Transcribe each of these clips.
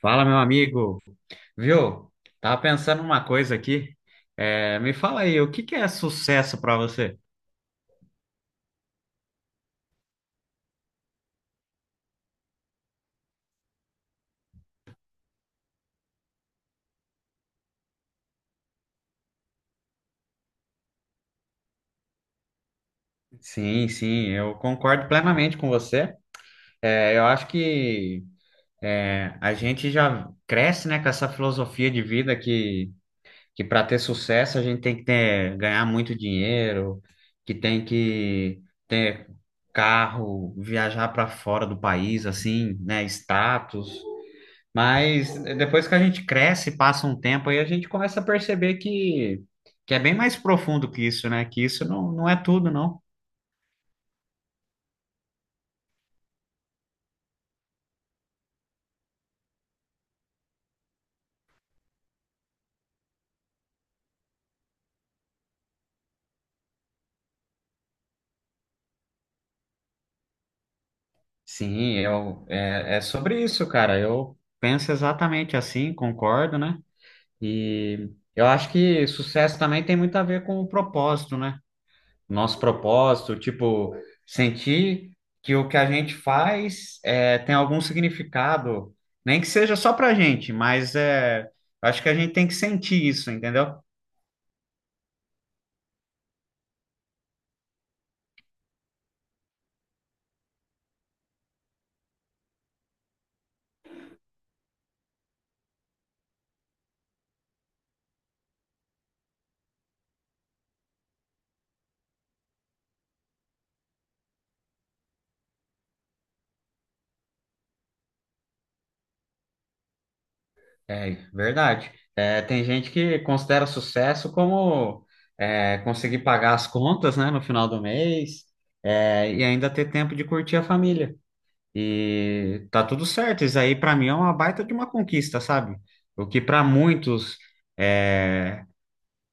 Fala, meu amigo. Viu? Tava pensando uma coisa aqui. Me fala aí, o que que é sucesso para você? Sim, sim, eu concordo plenamente com você. Eu acho que a gente já cresce, né, com essa filosofia de vida que, para ter sucesso a gente tem que ganhar muito dinheiro, que tem que ter carro, viajar para fora do país, assim, né, status. Mas depois que a gente cresce, passa um tempo, aí a gente começa a perceber que, é bem mais profundo que isso, né? Que isso não é tudo, não. Sim, é sobre isso, cara. Eu penso exatamente assim, concordo, né? E eu acho que sucesso também tem muito a ver com o propósito, né? Nosso propósito, tipo, sentir que o que a gente faz tem algum significado, nem que seja só pra gente, acho que a gente tem que sentir isso, entendeu? É verdade. Tem gente que considera sucesso como conseguir pagar as contas, né, no final do mês, e ainda ter tempo de curtir a família. E tá tudo certo. Isso aí, pra mim, é uma baita de uma conquista, sabe? O que pra muitos é,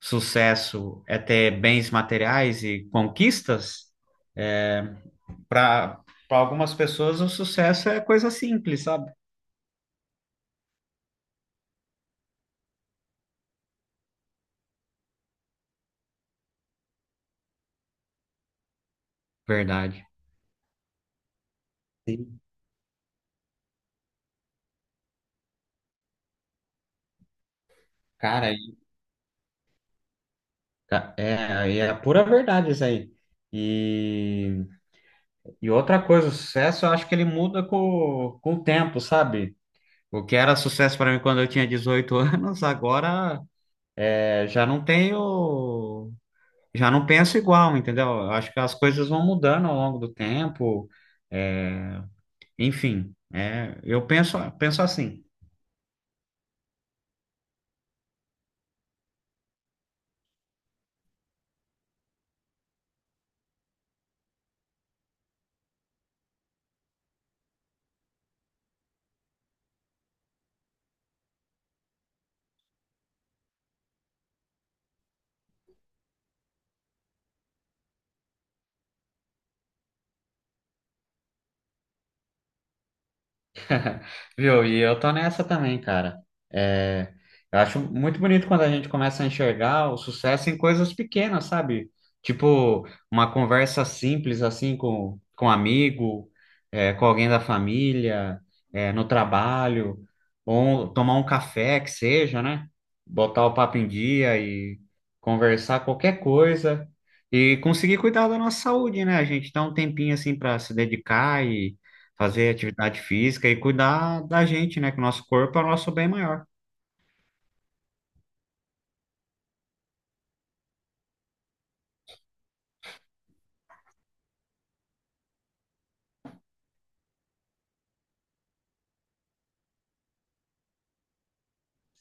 sucesso é ter bens materiais e conquistas, para algumas pessoas o sucesso é coisa simples, sabe? Verdade. Sim. Cara, é a pura verdade isso aí. E, e outra coisa, o sucesso eu acho que ele muda com, o tempo, sabe? O que era sucesso para mim quando eu tinha 18 anos, já não tenho, já não penso igual, entendeu? Eu acho que as coisas vão mudando ao longo do tempo. é, Enfim, eu penso assim. Viu? E eu tô nessa também, cara. É, eu acho muito bonito quando a gente começa a enxergar o sucesso em coisas pequenas, sabe? Tipo, uma conversa simples assim com, um amigo, com alguém da família, no trabalho, ou tomar um café que seja, né? Botar o papo em dia e conversar qualquer coisa. E conseguir cuidar da nossa saúde, né? A gente dá um tempinho assim para se dedicar fazer atividade física e cuidar da gente, né? Que o nosso corpo é o nosso bem maior.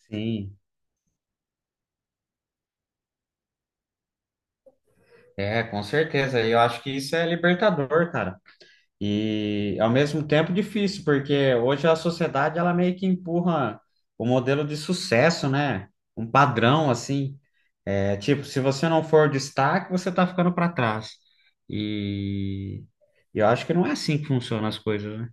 Sim, com certeza. E eu acho que isso é libertador, cara. E ao mesmo tempo difícil, porque hoje a sociedade ela meio que empurra o modelo de sucesso, né? Um padrão assim. Tipo, se você não for destaque, você tá ficando para trás. E e eu acho que não é assim que funcionam as coisas, né?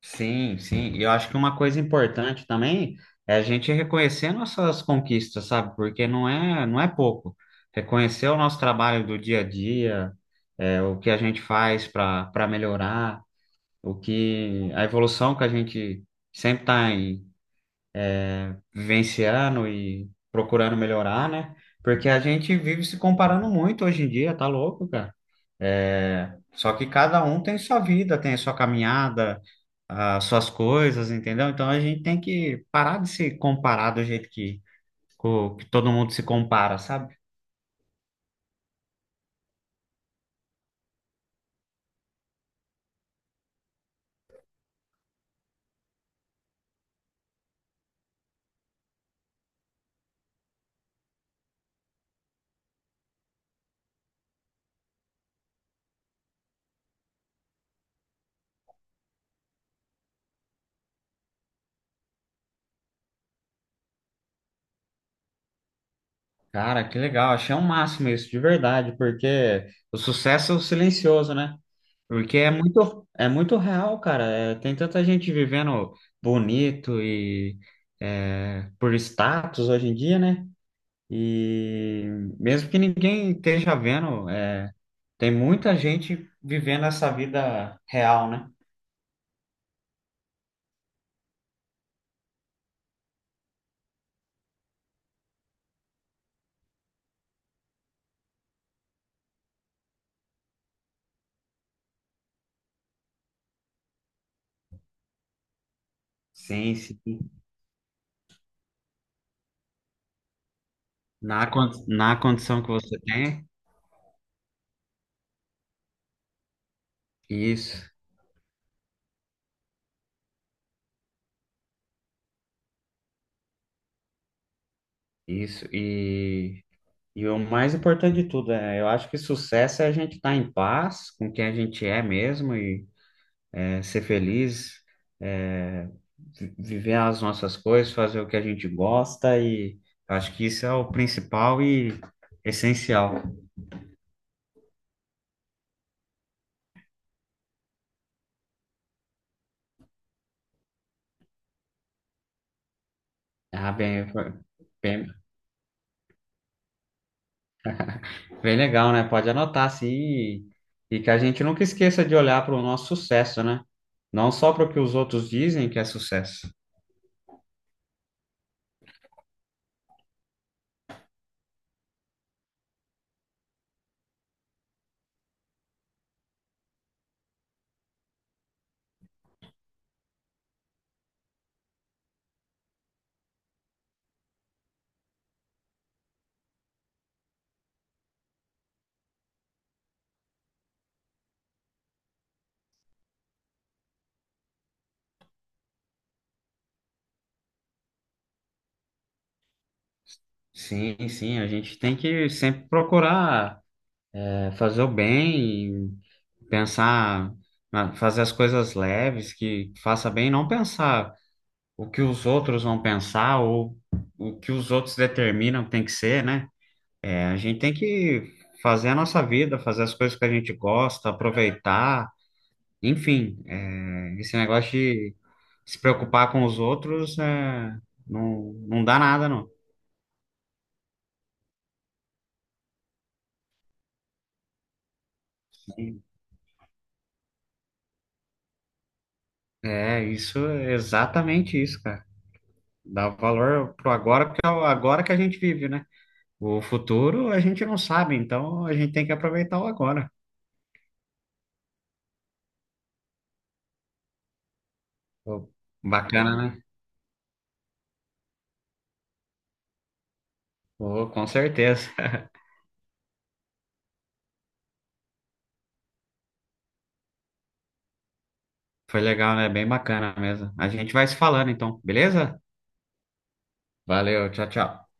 Sim, sim. E eu acho que uma coisa importante também é a gente reconhecer nossas conquistas, sabe? Porque não é pouco. Reconhecer o nosso trabalho do dia a dia, o que a gente faz para melhorar, o que a evolução que a gente sempre está vivenciando e procurando melhorar, né? Porque a gente vive se comparando muito hoje em dia, tá louco, cara? Só que cada um tem sua vida, tem a sua caminhada, as suas coisas, entendeu? Então a gente tem que parar de se comparar do jeito que, que todo mundo se compara, sabe? Cara, que legal, achei o máximo isso, de verdade, porque o sucesso é o silencioso, né? Porque é muito real, cara. Tem tanta gente vivendo bonito e por status hoje em dia, né? E mesmo que ninguém esteja vendo. Tem muita gente vivendo essa vida real, né? Sim, sim. Na condição que você tem. Isso, isso. E o mais importante de tudo, eu acho que sucesso é a gente estar em paz com quem a gente é mesmo e ser feliz, é, viver as nossas coisas, fazer o que a gente gosta e acho que isso é o principal e essencial. Ah, bem, foi- bem Bem legal, né? Pode anotar assim e que a gente nunca esqueça de olhar para o nosso sucesso, né? Não só para o que os outros dizem que é sucesso. Sim, sim, a gente tem que sempre procurar fazer o bem, e pensar, fazer as coisas leves, que faça bem, não pensar o que os outros vão pensar ou o que os outros determinam que tem que ser, né? A gente tem que fazer a nossa vida, fazer as coisas que a gente gosta, aproveitar. Enfim, esse negócio de se preocupar com os outros não dá nada, não. É, isso, é exatamente isso, cara. Dá valor pro agora, porque é o agora que a gente vive, né? O futuro a gente não sabe, então a gente tem que aproveitar o agora. Pô, bacana, né? Pô, com certeza. Foi legal, né? Bem bacana mesmo. A gente vai se falando, então, beleza? Valeu, tchau, tchau.